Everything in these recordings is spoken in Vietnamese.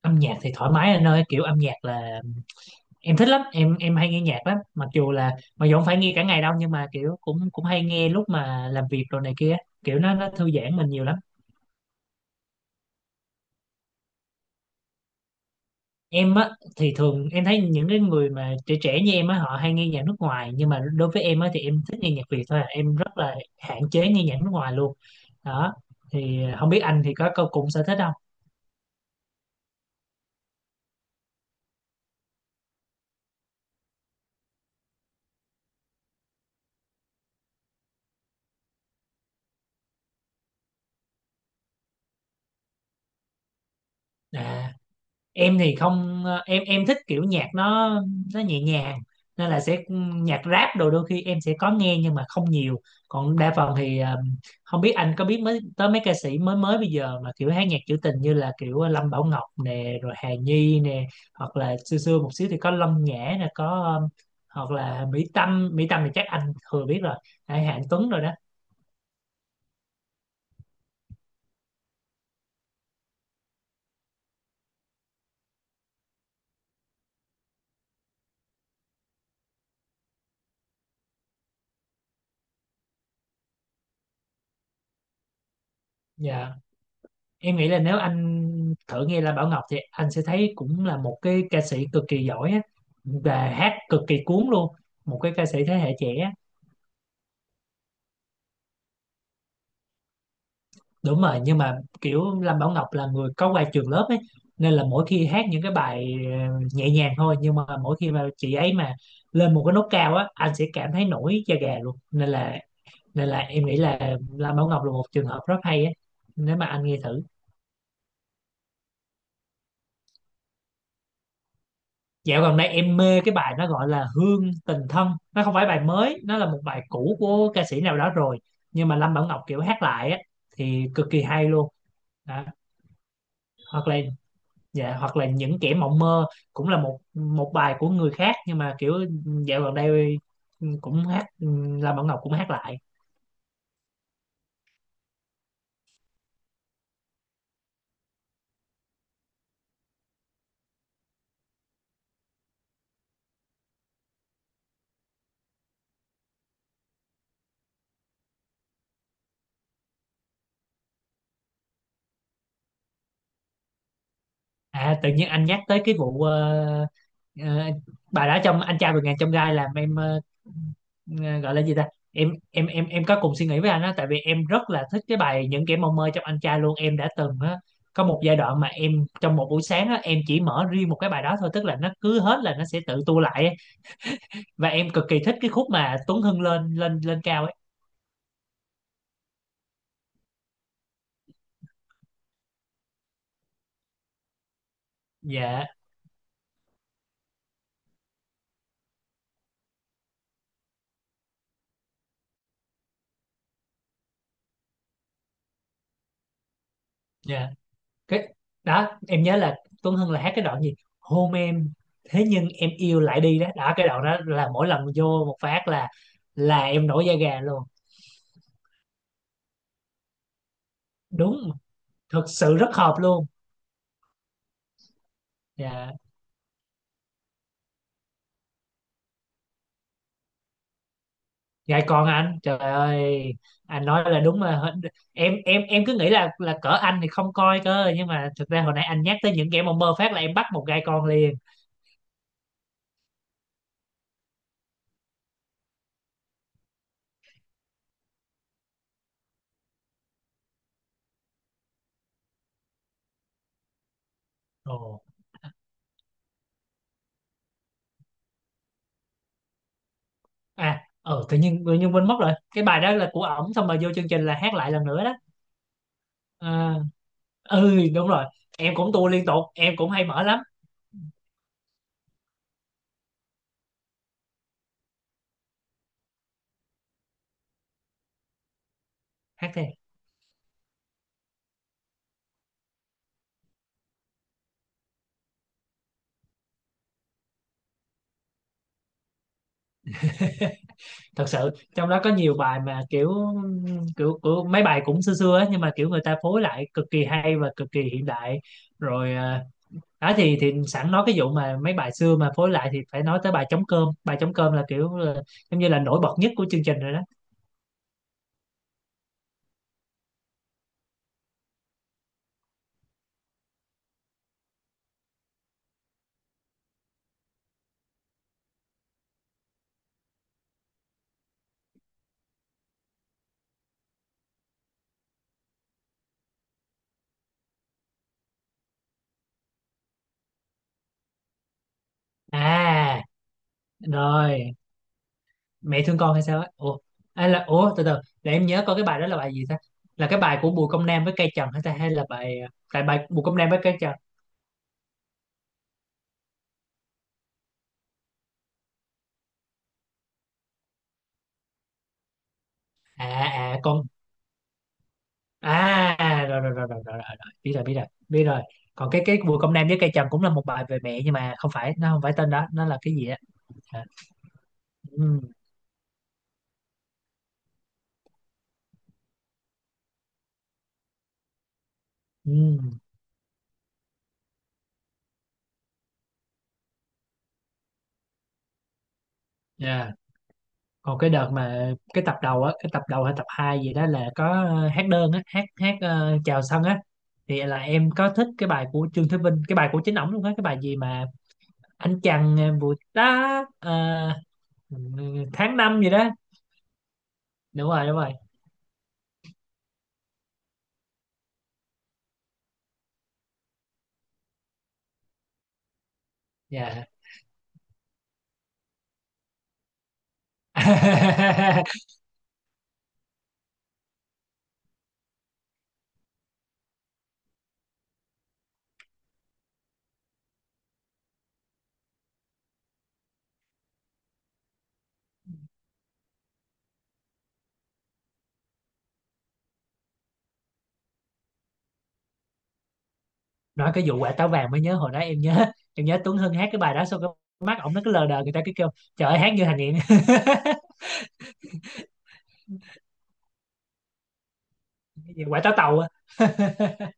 Âm nhạc thì thoải mái anh ơi, kiểu âm nhạc là em thích lắm. Em hay nghe nhạc lắm, mặc dù không phải nghe cả ngày đâu, nhưng mà kiểu cũng cũng hay nghe lúc mà làm việc rồi này kia. Kiểu nó thư giãn mình nhiều lắm. Em á, thì thường em thấy những cái người mà trẻ trẻ như em á, họ hay nghe nhạc nước ngoài, nhưng mà đối với em á thì em thích nghe nhạc Việt thôi à. Em rất là hạn chế nghe nhạc nước ngoài luôn. Đó, thì không biết anh thì có cùng sở thích không? À, em thì không. Ờ, em thích kiểu nhạc nó nhẹ nhàng nên là sẽ. Nhạc rap đồ đôi khi em sẽ có nghe nhưng mà không nhiều, còn đa phần thì không biết anh có biết mới tới mấy ca sĩ mới mới bây giờ mà kiểu hát nhạc trữ tình, như là kiểu Lâm Bảo Ngọc nè, rồi Hà Nhi nè, hoặc là xưa xưa một xíu thì có Lâm Nhã nè, có ờ, hoặc là Mỹ Tâm. Mỹ Tâm thì chắc anh thừa biết rồi, hay Hạnh Tuấn rồi đó. Dạ, em nghĩ là nếu anh thử nghe là Bảo Ngọc thì anh sẽ thấy cũng là một cái ca sĩ cực kỳ giỏi á, và hát cực kỳ cuốn luôn, một cái ca sĩ thế hệ trẻ á. Đúng rồi, nhưng mà kiểu Lâm Bảo Ngọc là người có qua trường lớp ấy, nên là mỗi khi hát những cái bài nhẹ nhàng thôi, nhưng mà mỗi khi mà chị ấy mà lên một cái nốt cao á, anh sẽ cảm thấy nổi da gà luôn, nên là em nghĩ là Lâm Bảo Ngọc là một trường hợp rất hay á, nếu mà anh nghe thử. Dạo gần đây em mê cái bài nó gọi là Hương Tình Thân. Nó không phải bài mới, nó là một bài cũ của ca sĩ nào đó rồi. Nhưng mà Lâm Bảo Ngọc kiểu hát lại á, thì cực kỳ hay luôn đó. Hoặc là, dạ, hoặc là Những Kẻ Mộng Mơ, cũng là một một bài của người khác. Nhưng mà kiểu dạo gần đây, cũng hát, Lâm Bảo Ngọc cũng hát lại. À, tự nhiên anh nhắc tới cái vụ ờ, bà đã trong Anh Trai Vượt Ngàn Chông Gai làm em ờ, gọi là gì ta? Em có cùng suy nghĩ với anh á, tại vì em rất là thích cái bài Những Kẻ Mộng Mơ trong Anh Trai luôn. Em đã từng á, có một giai đoạn mà em, trong một buổi sáng á, em chỉ mở riêng một cái bài đó thôi, tức là nó cứ hết là nó sẽ tự tua lại ấy. Và em cực kỳ thích cái khúc mà Tuấn Hưng lên lên lên cao ấy. Dạ. Dạ. Cái đó em nhớ là Tuấn Hưng là hát cái đoạn gì hôn em, thế nhưng em yêu lại đi đó đó, cái đoạn đó là mỗi lần vô một phát là em nổi da gà luôn. Đúng, thực sự rất hợp luôn. Dạ dạ, còn anh trời ơi, anh nói là đúng mà. Em cứ nghĩ là cỡ anh thì không coi cơ, nhưng mà thực ra hồi nãy anh nhắc tới những kẻ mà mơ phát là em bắt một gai con liền. Ồ. À. Tự nhiên quên mất rồi, cái bài đó là của ổng, xong rồi vô chương trình là hát lại lần nữa đó. Ờ, ừ đúng rồi, em cũng tua liên tục, em cũng hay mở lắm. Hát thì thật sự trong đó có nhiều bài mà kiểu kiểu, kiểu mấy bài cũng xưa xưa ấy, nhưng mà kiểu người ta phối lại cực kỳ hay và cực kỳ hiện đại rồi à. Đó thì sẵn nói cái vụ mà mấy bài xưa mà phối lại thì phải nói tới bài Trống Cơm. Bài Trống Cơm là kiểu là, giống như là nổi bật nhất của chương trình rồi đó. À, rồi Mẹ Thương Con hay sao á? Ủa, à, là ủa, từ từ để em nhớ coi cái bài đó là bài gì ta, là cái bài của Bùi Công Nam với Cây Trần hay ta, hay là bài à, tại bài Bùi Công Nam với Cây Trần. À. À con. À. À, rồi rồi rồi rồi rồi, rồi. Rồi. Biết rồi, biết rồi, biết rồi. Còn cái Bùi Công Nam với Cây Trần cũng là một bài về mẹ, nhưng mà không phải, nó không phải tên đó, nó là cái gì á. À. Ừ. Ừ. Yeah. Còn cái đợt mà cái tập đầu á, cái tập đầu hay tập 2 gì đó, là có hát đơn á, hát hát chào sân á, thì là em có thích cái bài của Trương Thế Vinh, cái bài của chính ổng luôn á, cái bài gì mà anh chàng em vụt đá, ờ, tháng năm gì đó. Đúng rồi, đúng rồi. Dạ. Nói cái vụ quả táo vàng mới nhớ, hồi đó em nhớ Tuấn Hưng hát cái bài đó, xong cái mắt ổng nó cứ lờ đờ, người ta cứ kêu trời ơi hát như thằng nghiện. Cái gì, quả táo tàu á?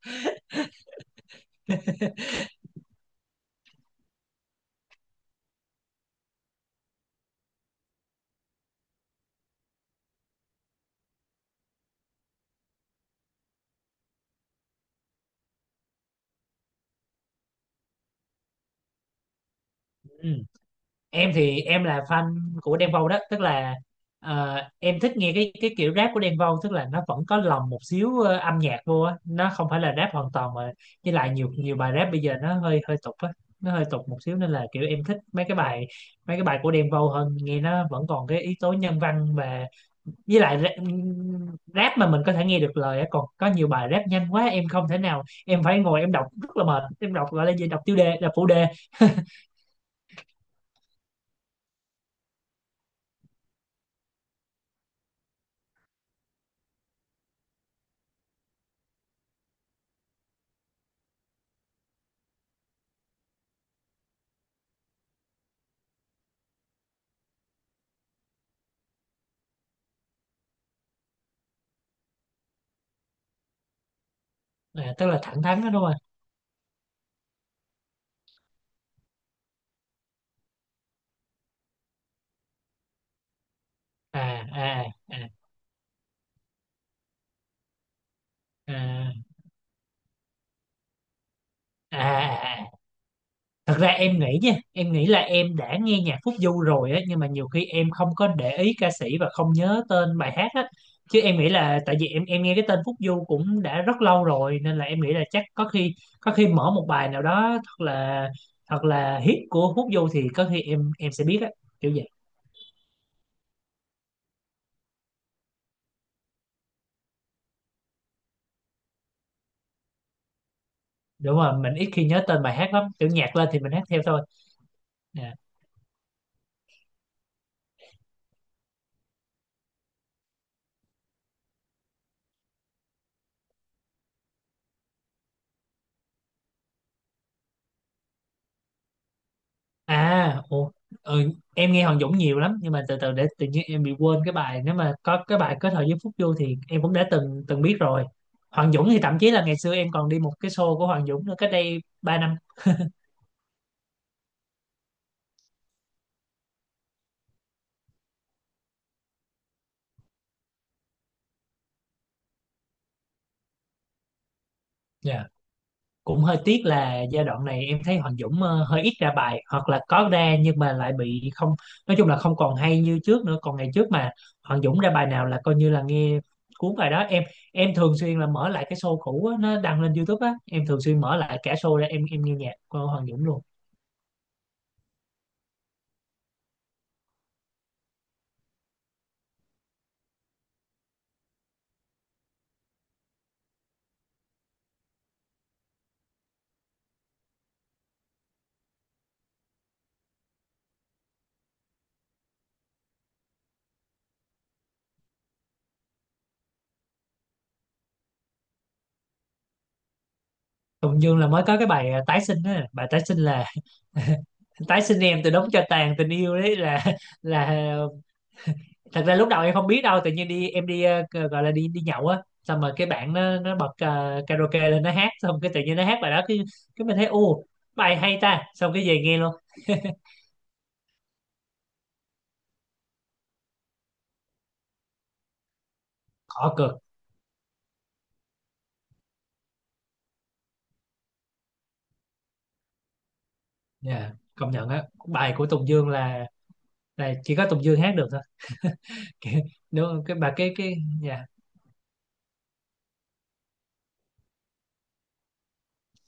Ừ. Em thì em là fan của Đen Vâu đó, tức là em thích nghe cái kiểu rap của Đen Vâu, tức là nó vẫn có lồng một xíu âm nhạc vô á, nó không phải là rap hoàn toàn mà. Với lại nhiều nhiều bài rap bây giờ nó hơi hơi tục á, nó hơi tục một xíu, nên là kiểu em thích mấy cái bài của Đen Vâu hơn, nghe nó vẫn còn cái yếu tố nhân văn, và với lại rap mà mình có thể nghe được lời á, còn có nhiều bài rap nhanh quá em không thể nào, em phải ngồi em đọc rất là mệt, em đọc gọi là gì, đọc tiêu đề, đọc phụ đề. À, tức là thẳng thắn đó đúng không? À à à à à à. À. Thật ra em nghĩ nha, em nghĩ là em đã nghe nhạc Phúc Du rồi á, nhưng mà nhiều khi em không có để ý ca sĩ và không nhớ tên bài hát á, chứ em nghĩ là tại vì em nghe cái tên Phúc Du cũng đã rất lâu rồi, nên là em nghĩ là chắc có khi, mở một bài nào đó thật là hit của Phúc Du thì có khi em sẽ biết á, kiểu vậy. Đúng rồi, mình ít khi nhớ tên bài hát lắm, kiểu nhạc lên thì mình hát theo thôi. À. À. Ồ. Ừ, em nghe Hoàng Dũng nhiều lắm, nhưng mà từ từ để tự nhiên em bị quên cái bài, nếu mà có cái bài kết hợp với Phúc Du thì em cũng đã từng từng biết rồi. Hoàng Dũng thì thậm chí là ngày xưa em còn đi một cái show của Hoàng Dũng nữa, cách đây 3 năm. Cũng hơi tiếc là giai đoạn này em thấy Hoàng Dũng hơi ít ra bài, hoặc là có ra nhưng mà lại bị, không, nói chung là không còn hay như trước nữa. Còn ngày trước mà Hoàng Dũng ra bài nào là coi như là nghe cuốn bài đó. Em thường xuyên là mở lại cái show cũ á, nó đăng lên YouTube á, em thường xuyên mở lại cả show ra, em nghe nhạc của Hoàng Dũng luôn. Tùng Dương là mới có cái bài tái sinh á, bài tái sinh là tái sinh em từ đống cho tàn tình yêu đấy, là thật ra lúc đầu em không biết đâu. Tự nhiên đi, em đi gọi là đi đi nhậu á, xong rồi cái bạn nó bật karaoke lên, nó hát, xong cái tự nhiên nó hát bài đó, cái mình thấy u bài hay ta, xong cái về nghe luôn. Khó cực. Dạ, công nhận á. Bài của Tùng Dương là chỉ có Tùng Dương hát được thôi. Kiểu, đúng không? Cái bà cái dạ.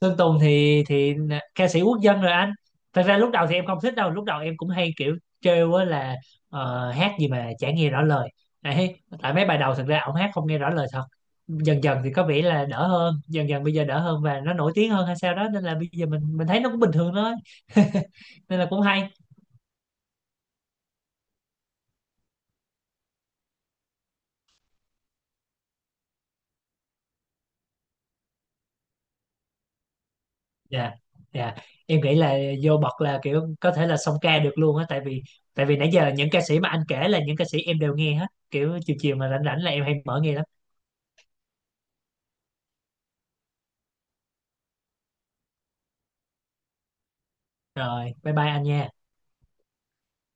Sơn Tùng thì ca sĩ quốc dân rồi anh. Thật ra lúc đầu thì em không thích đâu, lúc đầu em cũng hay kiểu trêu á là hát gì mà chả nghe rõ lời. Đấy, tại mấy bài đầu thật ra ổng hát không nghe rõ lời thật. Dần dần thì có vẻ là đỡ hơn, dần dần bây giờ đỡ hơn, và nó nổi tiếng hơn hay sao đó, nên là bây giờ mình thấy nó cũng bình thường thôi. Nên là cũng hay. Dạ. Dạ. Em nghĩ là vô bậc là kiểu có thể là song ca được luôn á, tại vì nãy giờ những ca sĩ mà anh kể là những ca sĩ em đều nghe hết, kiểu chiều chiều mà rảnh rảnh là em hay mở nghe. Rồi, bye bye anh nha.